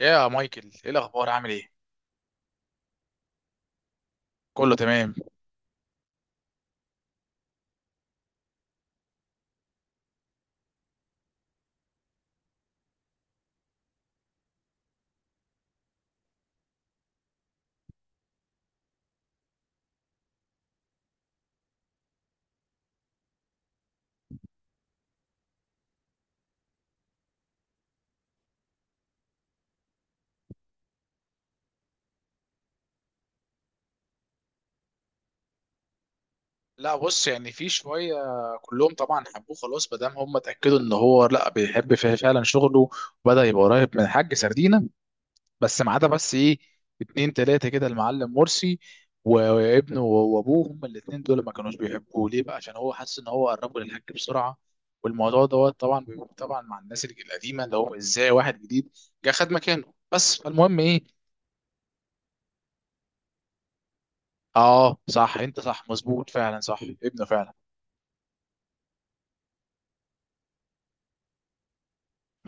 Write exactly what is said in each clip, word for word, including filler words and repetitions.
يا مايكل، ايه الاخبار، عامل ايه؟ كله تمام. لا بص، يعني في شويه. كلهم طبعا حبوه خلاص ما دام هم اتاكدوا ان هو لا بيحب فيه فعلا شغله، وبدا يبقى قريب من الحاج سردينه. بس ما عدا، بس ايه، اتنين تلاته كده، المعلم مرسي و- وابنه وابوه. هم الاتنين دول ما كانوش بيحبوه، ليه بقى؟ عشان هو حاسس ان هو قربه للحاج بسرعه. والموضوع دوت طبعا بي- طبعا مع الناس القديمه، اللي هو ازاي واحد جديد جه خد مكانه. بس، فالمهم ايه. اه صح، انت صح، مظبوط فعلا، صح ابنه فعلا.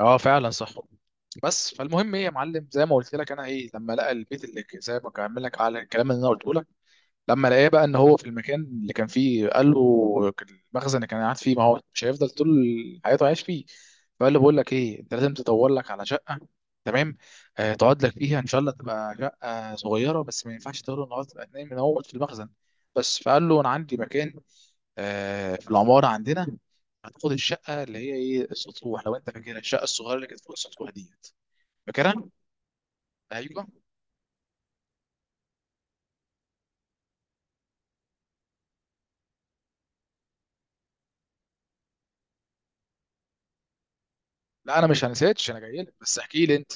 اه فعلا صح. بس فالمهم ايه يا معلم، زي ما قلت لك انا، ايه، لما لقى البيت اللي ك- زي ما كمل لك على الكلام اللي انا قلته لك. لما لقاه بقى ان هو في المكان اللي كان فيه، قال له المخزن اللي كان قاعد فيه، ما هو مش هيفضل طول حياته عايش فيه. فقال له بقول لك ايه، انت لازم تدور لك على شقه، تمام، آه تقعد لك فيها ان شاء الله، تبقى شقه صغيره بس ما ينفعش تقول ان هو تبقى اتنين من اول في المخزن. بس فقال له انا عندي مكان، آه، في العماره عندنا. هتاخد الشقه اللي هي ايه، السطوح، لو انت فاكرها، الشقه الصغيره اللي كانت فوق السطوح ديت، فاكرها؟ ايوه. لا انا مش هنسيتش، انا جاي لك، بس احكي لي انت.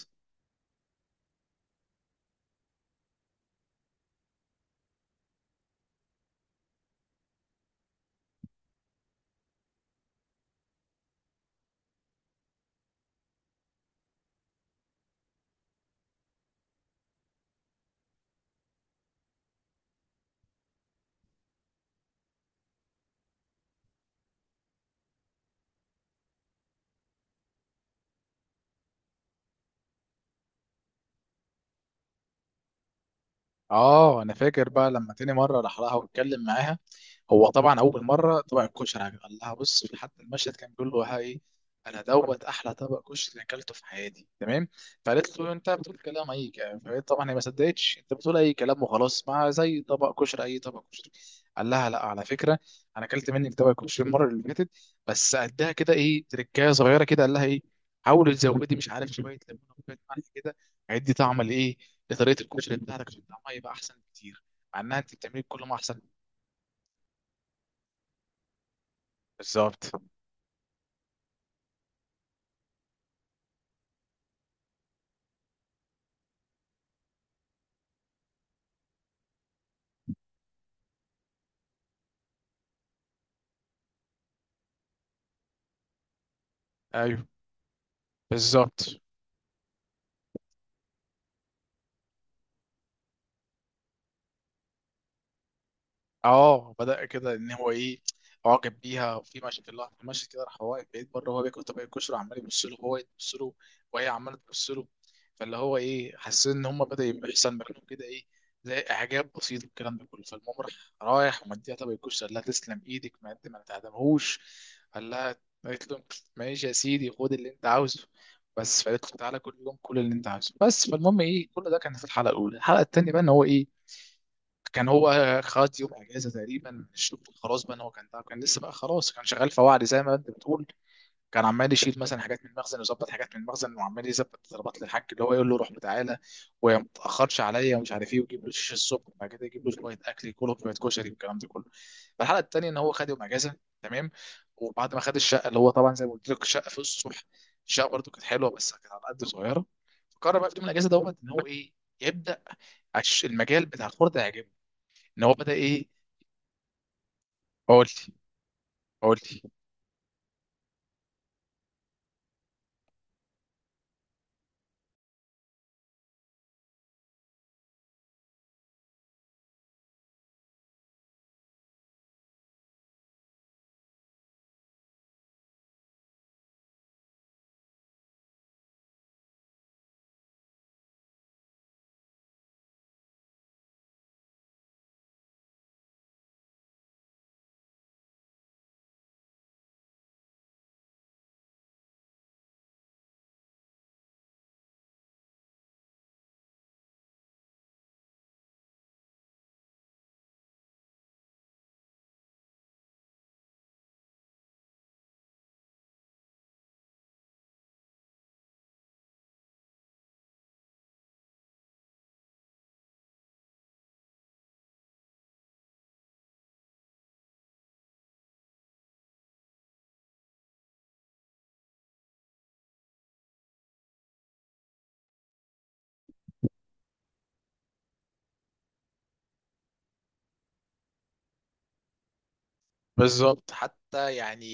اه انا فاكر بقى، لما تاني مره راح لها واتكلم معاها، هو طبعا اول مره طبق الكشري عجب، قال لها بص، في حتى المشهد كان بيقول له: هاي، انا دوت احلى طبق كشري اكلته في حياتي، تمام. فقالت له انت بتقول كلام، اي كلام. فقالت طبعا هي ما صدقتش، انت بتقول اي كلام، وخلاص، ما زي طبق كشري اي طبق كشري. قال لها لا على فكره، انا اكلت منك طبق كشري المره اللي فاتت، بس قدها كده، ايه، تركايه صغيره كده. قال لها ايه، حاولي تزودي، مش عارف، شويه ليمون وشويه ملح كده، هيدي طعم لايه، لطريقه الكشري بتاعتك عشان طعمها يبقى احسن بكتير، مع انها انت بتعمليه كل ما احسن. بالظبط. ايوه، بالظبط. اه بدأ كده ان هو ايه، اعجب بيها، وفي ماشي في اللحظه ماشي كده، راح هو واقف بعيد بره وهو بياكل طبق الكشري، عمال يبص له وهو يبص له وهي عماله تبص له. فاللي هو ايه، حسيت ان هم بدأ يبقى يحصل مكانهم كده ايه، زي اعجاب بسيط والكلام ده كله. فالمهم راح، رايح ومديها طبق الكشري، قال لها تسلم ايدك، ما انت ما تعدمهوش، قال لها، قالت له ماشي يا سيدي، خد اللي انت عاوزه. بس فقالت له تعالى كل يوم، كل اللي انت عاوزه. بس فالمهم ايه، كل ده كان في الحلقه الاولى. الحلقه الثانيه بقى ان هو ايه، كان هو خد يوم اجازه تقريبا من الشغل، خلاص بقى إن هو كان تعب، كان لسه بقى خلاص كان شغال فواعلي زي ما انت بتقول. كان عمال يشيل مثلا حاجات من المخزن ويظبط حاجات من المخزن، وعمال يظبط طلبات للحاج اللي هو يقول له روح وتعالى وما تاخرش عليا ومش عارف ايه، ويجيب له شيش الصبح، وبعد كده يجيب له شويه اكل ياكله، شويه كشري والكلام ده كله. فالحلقه الثانيه ان هو خد يوم اجازه، تمام. وبعد ما خد الشقه، اللي هو طبعا زي ما قلت لك الشقه في الصبح، الشقه برده كانت حلوه بس كانت على قد، صغيره. فقرر بقى في يوم الاجازه دوت ان هو ايه، يبدا، عش- المجال بتاع الخردة يعجبه، ان هو بدا ايه. قلت قلت بالظبط حتى، يعني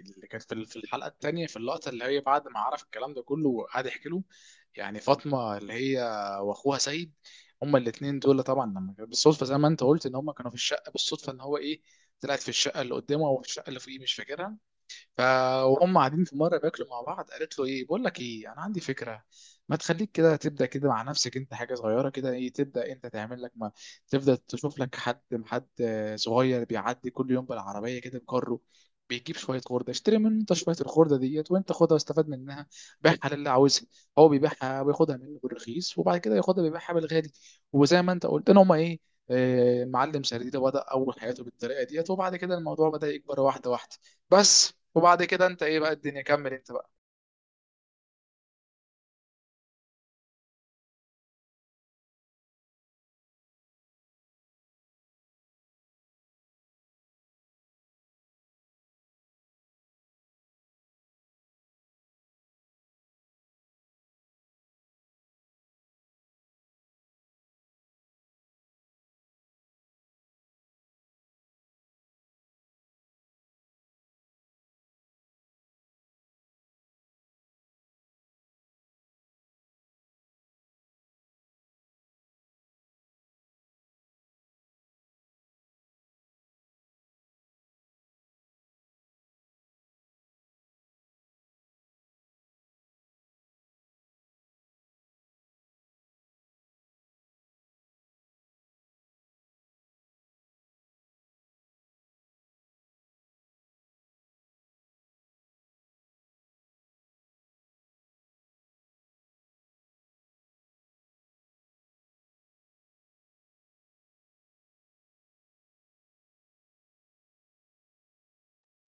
اللي كانت في في الحلقه الثانيه، في اللقطه اللي هي بعد ما عرف الكلام ده كله وقعد يحكي له يعني فاطمه، اللي هي واخوها سيد، هما الاثنين دول طبعا، لما كانوا- بالصدفه زي ما انت قلت ان هما كانوا في الشقه، بالصدفه ان هو ايه، طلعت في الشقه اللي قدامه او في الشقه اللي فوقيه، مش فاكرها. ف، وهم قاعدين في مره بياكلوا مع بعض، قالت له ايه، بقول لك ايه، انا عندي فكره، ما تخليك كده تبدا كده مع نفسك انت، حاجه صغيره كده، ايه، تبدا انت تعمل لك، ما تبدا تشوف لك حد، حد آه، صغير بيعدي كل يوم بالعربيه كده بكره، بيجيب شويه خرده، اشتري منه انت شويه الخرده ديت وانت خدها واستفاد منها، بيعها للي عاوزها. هو بيبيعها وياخدها منه بالرخيص، وبعد كده ياخدها بيبيعها بالغالي. وزي ما انت قلت ان هم ايه، آه، معلم سرديده بدأ أول حياته بالطريقة ديت، وبعد كده الموضوع بدأ يكبر واحدة واحدة. بس، وبعد كده انت ايه بقى الدنيا، كمل انت بقى.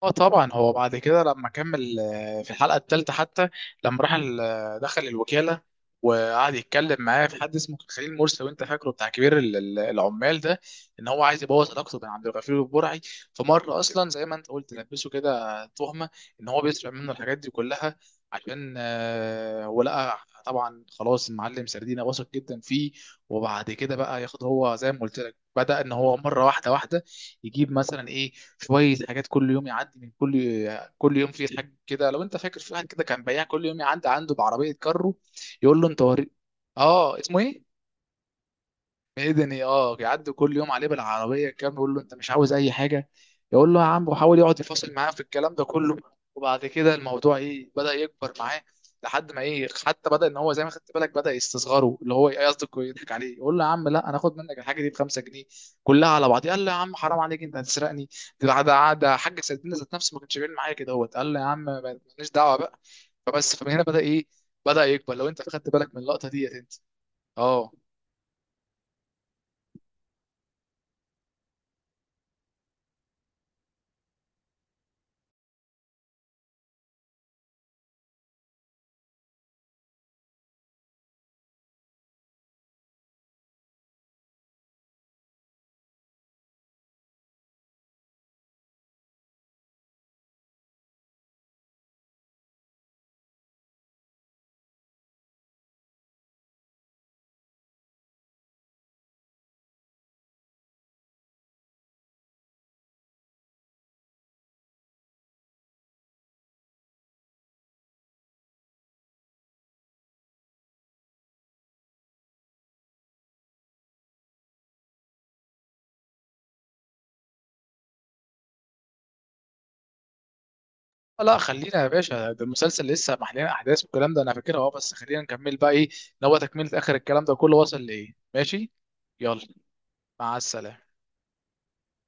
اه طبعا هو بعد كده لما كمل، آه، في الحلقه الثالثه حتى، لما راح ال- آه، دخل الوكاله، وقعد يتكلم معاه في حد اسمه خليل مرسي، وانت فاكره، بتاع كبير ال- ال- العمال ده، ان هو عايز يبوظ علاقته بين عبد الغفور والبرعي. فمره اصلا زي ما انت قلت لبسه كده تهمه ان هو بيسرق منه الحاجات دي كلها، عشان آه، هو لقى، طبعا خلاص المعلم سردينه واثق جدا فيه. وبعد كده بقى ياخد هو زي ما قلت لك، بدأ ان هو مره واحده واحده يجيب مثلا ايه، شويه حاجات. كل يوم يعدي من كل كل يوم في حاجه كده. لو انت فاكر، في واحد كده كان بياع كل يوم يعدي عنده بعربيه كارو، يقول له انت وري، اه اسمه ايه، مدني. اه يعدوا كل يوم عليه بالعربيه كام، يقول له انت مش عاوز اي حاجه، يقول له يا عم، وحاول يقعد يفاصل معاه في الكلام ده كله. وبعد كده الموضوع ايه، بدا يكبر معاه، لحد ما ايه، حتى بدا ان هو زي ما خدت بالك، بدا يستصغره، اللي هو إيه، قصدك إيه، يضحك عليه، يقول له يا عم لا، انا اخد منك الحاجه دي ب بخمسة جنيه كلها على بعض. قال له يا عم حرام عليك، انت هتسرقني، ده ده ده حاج سيدنا ذات نفسه ما كانش بيعمل معايا كده. هو قال له يا عم ماليش دعوه بقى. فبس، فمن هنا بدا ايه، بدا يكبر، لو انت خدت بالك من اللقطه ديت انت. اه. لا خلينا يا باشا، ده المسلسل لسه محلين احداث، والكلام ده انا فاكرها اه، بس خلينا نكمل بقى ايه، ان هو تكمله، اخر الكلام ده كله وصل لايه. ماشي، يلا. مع السلامه.